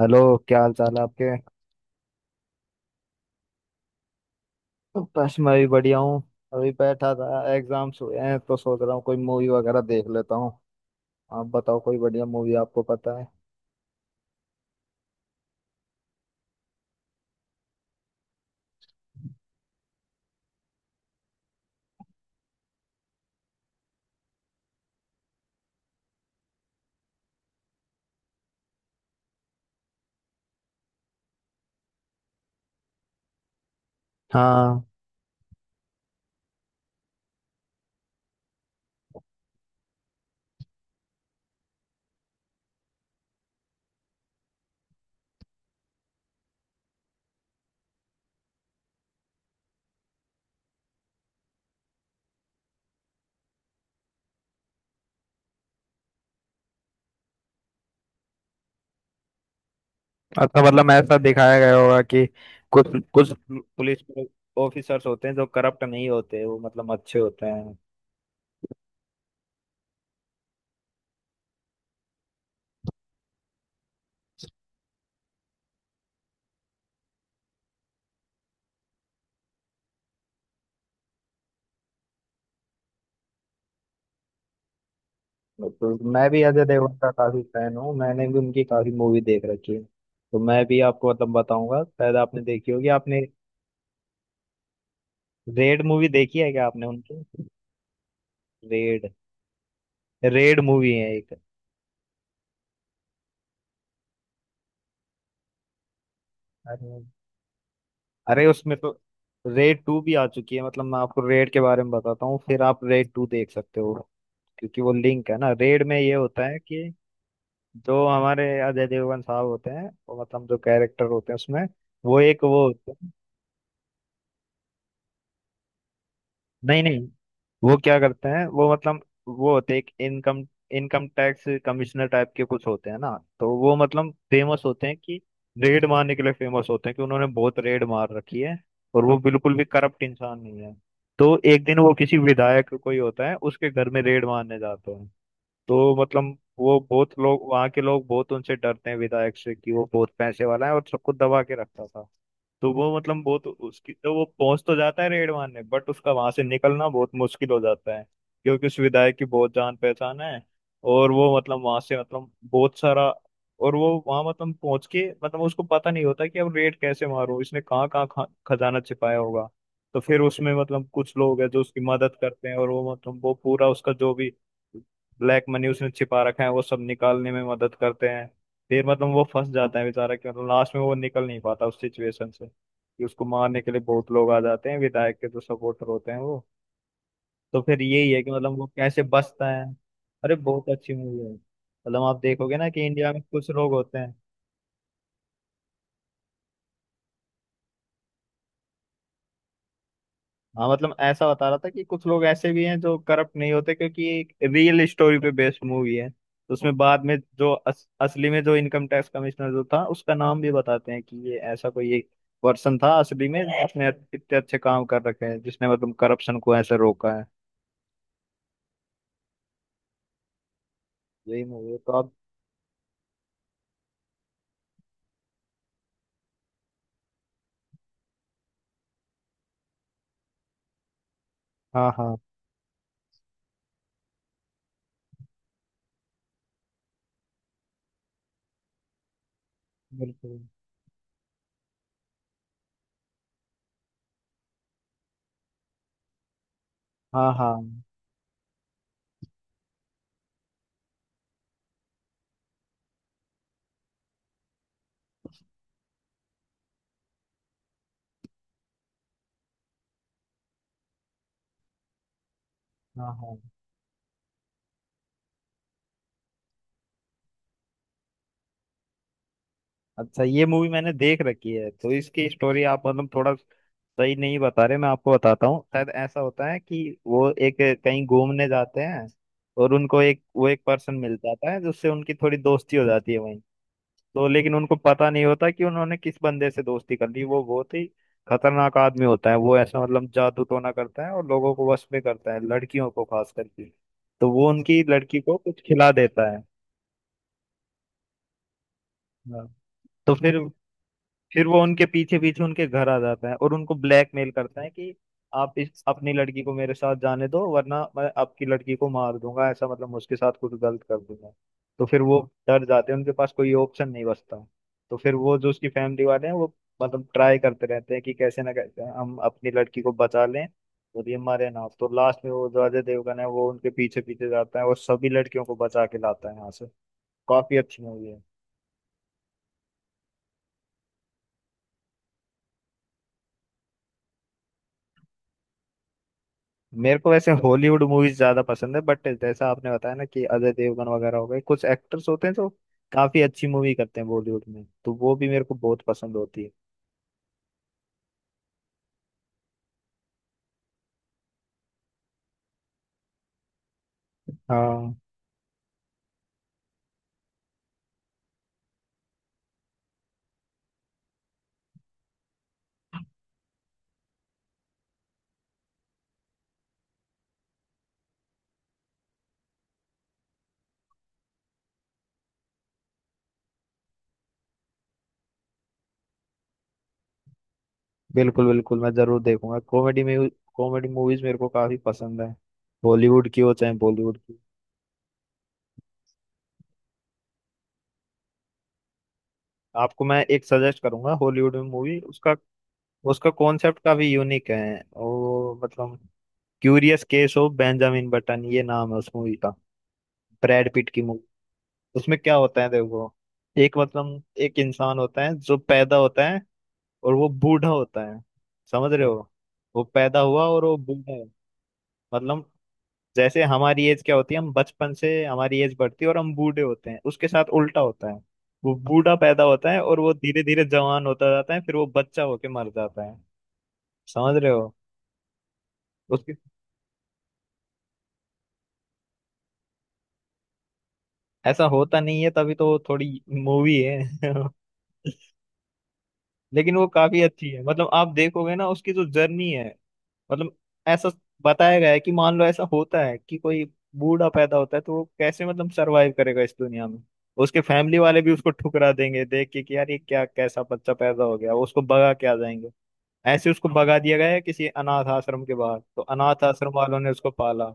Hello. क्या हाल चाल है आपके। बस मैं भी बढ़िया हूँ। अभी बैठा था, एग्जाम्स हुए हैं तो सोच रहा हूँ कोई मूवी वगैरह देख लेता हूँ। आप बताओ कोई बढ़िया मूवी आपको पता है। हाँ, अच्छा, मतलब ऐसा दिखाया गया होगा कि कुछ कुछ पुलिस ऑफिसर्स होते हैं जो करप्ट नहीं होते, वो मतलब अच्छे होते हैं। तो मैं भी अजय देवगन का काफी फैन हूँ, मैंने भी उनकी काफी मूवी देख रखी है। तो मैं भी आपको मतलब बताऊंगा, शायद आपने देखी होगी आपने। रेड मूवी देखी है क्या आपने उनकी। रेड। रेड मूवी है एक। अरे, अरे उसमें तो रेड टू भी आ चुकी है, मतलब मैं आपको रेड के बारे में बताता हूँ फिर आप रेड टू देख सकते हो। क्योंकि वो लिंक है ना। रेड में ये होता है कि जो हमारे अजय देवगन साहब होते हैं, वो मतलब जो कैरेक्टर होते हैं उसमें, वो होते हैं। नहीं नहीं, वो क्या करते हैं, वो मतलब वो होते हैं एक income income tax commissioner type के कुछ होते हैं ना। तो वो मतलब फेमस होते हैं कि रेड मारने के लिए फेमस होते हैं, कि उन्होंने बहुत रेड मार रखी है। और वो बिल्कुल भी करप्ट इंसान नहीं है। तो एक दिन वो किसी विधायक, कोई होता है, उसके घर में रेड मारने जाते हैं। तो मतलब वो बहुत, लोग वहाँ के लोग बहुत उनसे डरते हैं विधायक से कि वो बहुत पैसे वाला है और सबको दबा के रखता था। तो वो मतलब बहुत उसकी, तो वो पहुंच तो जाता है रेड मारने, बट उसका वहां से निकलना बहुत मुश्किल हो जाता है क्योंकि उस विधायक की बहुत जान पहचान है। और वो मतलब वहां से मतलब बहुत सारा, और वो वहां मतलब पहुंच के मतलब उसको पता नहीं होता कि अब रेड कैसे मारूं, इसने कहाँ कहाँ खजाना छिपाया होगा। तो फिर उसमें मतलब कुछ लोग हैं जो उसकी मदद करते हैं और वो मतलब वो पूरा उसका जो भी ब्लैक मनी उसने छिपा रखा है वो सब निकालने में मदद करते हैं। फिर मतलब वो फंस जाता है बेचारा कि मतलब लास्ट में वो निकल नहीं पाता उस सिचुएशन से, कि उसको मारने के लिए बहुत लोग आ जाते हैं, विधायक के जो सपोर्टर होते हैं वो। तो फिर यही है कि मतलब वो कैसे बचता है। अरे बहुत अच्छी मूवी है, मतलब आप देखोगे ना कि इंडिया में कुछ लोग होते हैं। हाँ, मतलब ऐसा बता रहा था कि कुछ लोग ऐसे भी हैं जो करप्ट नहीं होते। क्योंकि ये एक रियल स्टोरी पे बेस्ड मूवी है, तो उसमें बाद में जो असली में जो इनकम टैक्स कमिश्नर जो था उसका नाम भी बताते हैं कि ये ऐसा कोई एक पर्सन था असली में जिसने इतने अच्छे काम कर रखे हैं, जिसने मतलब करप्शन को ऐसे रोका है। यही मूवी है तो आप। हाँ हाँ, बिल्कुल। हाँ हाँ। हाँ हाँ। अच्छा, ये मूवी मैंने देख रखी है तो इसकी स्टोरी आप मतलब थोड़ा सही नहीं बता रहे, मैं आपको बताता हूँ। शायद ऐसा होता है कि वो एक, कहीं घूमने जाते हैं और उनको एक, वो एक पर्सन मिल जाता है जिससे उनकी थोड़ी दोस्ती हो जाती है वहीं। तो लेकिन उनको पता नहीं होता कि उन्होंने किस बंदे से दोस्ती कर ली, वो बहुत ही खतरनाक आदमी होता है। वो ऐसा मतलब जादू टोना करता है और लोगों को वश में करता है, लड़कियों को खास करके। तो वो उनकी लड़की को कुछ खिला देता है। हाँ। तो फिर वो उनके पीछे पीछे उनके घर आ जाता है और उनको ब्लैकमेल करता है कि आप इस, अपनी लड़की को मेरे साथ जाने दो वरना मैं आपकी लड़की को मार दूंगा, ऐसा मतलब मैं उसके साथ कुछ गलत कर दूंगा। तो फिर वो डर जाते हैं, उनके पास कोई ऑप्शन नहीं बचता। तो फिर वो जो उसकी फैमिली वाले हैं वो मतलब ट्राई करते रहते हैं कि कैसे ना कैसे हम अपनी लड़की को बचा लें और ये मरे ना। तो लास्ट में वो जो अजय देवगन है वो उनके पीछे पीछे जाता है और सभी लड़कियों को बचा के लाता है यहाँ से। काफी अच्छी मूवी है। मेरे को वैसे हॉलीवुड मूवीज ज्यादा पसंद है, बट जैसा आपने बताया ना कि अजय देवगन वगैरह हो गए, कुछ एक्टर्स होते हैं जो काफी अच्छी मूवी करते हैं बॉलीवुड में, तो वो भी मेरे को बहुत पसंद होती है। हाँ, बिल्कुल बिल्कुल, मैं जरूर देखूंगा। कॉमेडी में, कॉमेडी मूवीज मेरे को काफी पसंद है, हॉलीवुड की हो चाहे बॉलीवुड की। आपको मैं एक सजेस्ट करूंगा हॉलीवुड में मूवी, उसका उसका कॉन्सेप्ट काफी यूनिक है और मतलब, curious case of Benjamin Button, ये नाम है उस मूवी का, ब्रैड पिट की। उसमें क्या होता है देखो, एक मतलब एक इंसान होता है जो पैदा होता है और वो बूढ़ा होता है। समझ रहे हो, वो पैदा हुआ और वो बूढ़ा है। मतलब जैसे हमारी एज क्या होती है, हम बचपन से हमारी एज बढ़ती है और हम बूढ़े होते हैं, उसके साथ उल्टा होता है। वो बूढ़ा पैदा होता है और वो धीरे धीरे जवान होता जाता है, फिर वो बच्चा होके मर जाता है। समझ रहे हो। उसके, ऐसा होता नहीं है, तभी तो वो थोड़ी मूवी है लेकिन वो काफी अच्छी है, मतलब आप देखोगे ना उसकी जो जर्नी है। मतलब ऐसा बताया गया है कि मान लो ऐसा होता है कि कोई बूढ़ा पैदा होता है तो वो कैसे मतलब सरवाइव करेगा इस दुनिया में। उसके फैमिली वाले भी उसको ठुकरा देंगे देख के कि यार ये क्या, कैसा बच्चा पैदा हो गया, वो उसको भगा के आ जाएंगे। ऐसे उसको भगा दिया गया है किसी अनाथ आश्रम के बाहर, तो अनाथ आश्रम वालों ने उसको पाला।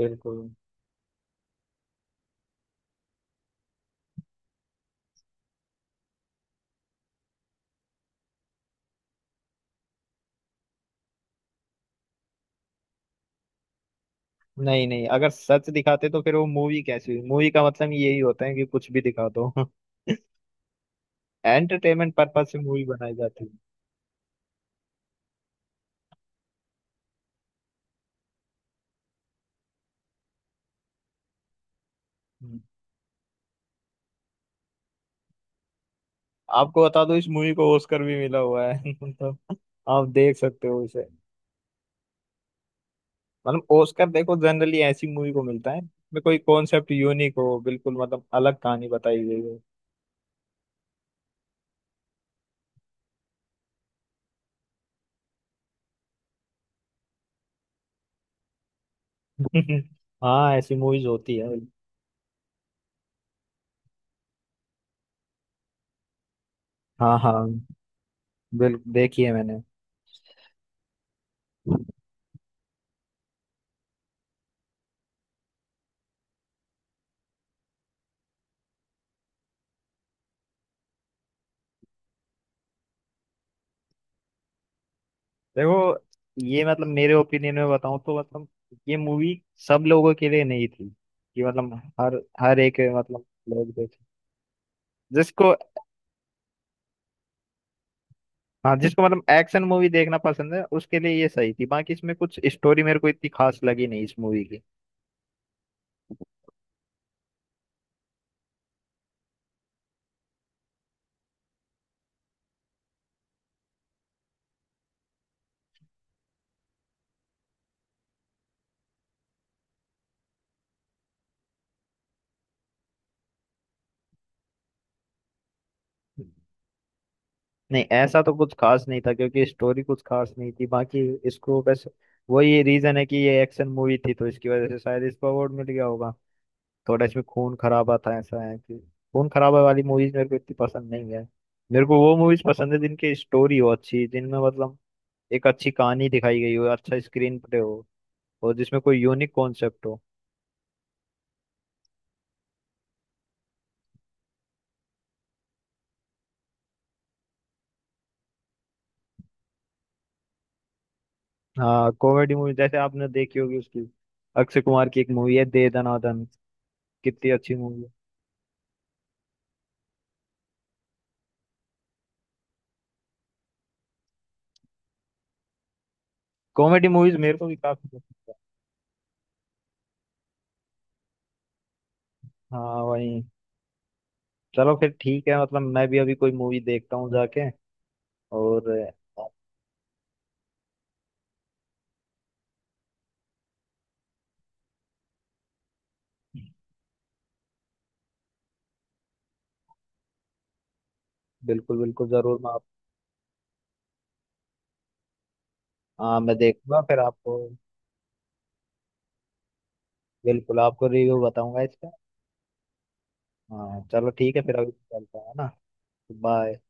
बिल्कुल। नहीं नहीं, अगर सच दिखाते तो फिर वो मूवी कैसी हुई। मूवी का मतलब यही होता है कि कुछ भी दिखा दो एंटरटेनमेंट पर्पज से मूवी बनाई जाती है। आपको बता दूं, इस मूवी को ऑस्कर भी मिला हुआ है तो आप देख सकते हो इसे। मतलब ऑस्कर देखो जनरली ऐसी मूवी को मिलता है में कोई कॉन्सेप्ट यूनिक हो, बिल्कुल मतलब अलग कहानी बताई गई हो। हाँ ऐसी मूवीज होती है। हाँ हाँ। बिल्कुल देखी है मैंने। देखो ये मतलब मेरे ओपिनियन में बताऊं तो मतलब ये मूवी सब लोगों के लिए नहीं थी, कि मतलब हर हर एक मतलब लोग देखे। जिसको, हाँ जिसको मतलब एक्शन मूवी देखना पसंद है उसके लिए ये सही थी, बाकी इसमें कुछ स्टोरी मेरे को इतनी खास लगी नहीं इस मूवी की। नहीं ऐसा तो कुछ खास नहीं था क्योंकि स्टोरी कुछ खास नहीं थी बाकी। इसको बस, वही रीजन है कि ये एक्शन मूवी थी तो इसकी वजह से शायद इसको अवार्ड मिल गया होगा। थोड़ा इसमें खून खराबा था, ऐसा है कि खून खराबा वाली मूवीज मेरे को इतनी पसंद नहीं है। मेरे को वो मूवीज पसंद है जिनकी स्टोरी हो अच्छी, जिनमें मतलब एक अच्छी कहानी दिखाई गई हो, अच्छा स्क्रीन प्ले हो, और जिसमें कोई यूनिक कॉन्सेप्ट हो। हाँ कॉमेडी मूवी जैसे आपने देखी होगी उसकी, अक्षय कुमार की एक मूवी है दे दनादन, कितनी अच्छी मूवी है। कॉमेडी मूवीज मेरे को भी काफी पसंद है। हाँ वही। चलो फिर ठीक है, मतलब मैं भी अभी कोई मूवी देखता हूँ जाके। और अ, बिल्कुल बिल्कुल जरूर मैं आप, हाँ मैं देखूंगा फिर आपको, बिल्कुल आपको रिव्यू बताऊंगा इसका। हाँ चलो ठीक है फिर, अभी चलता है ना। बाय।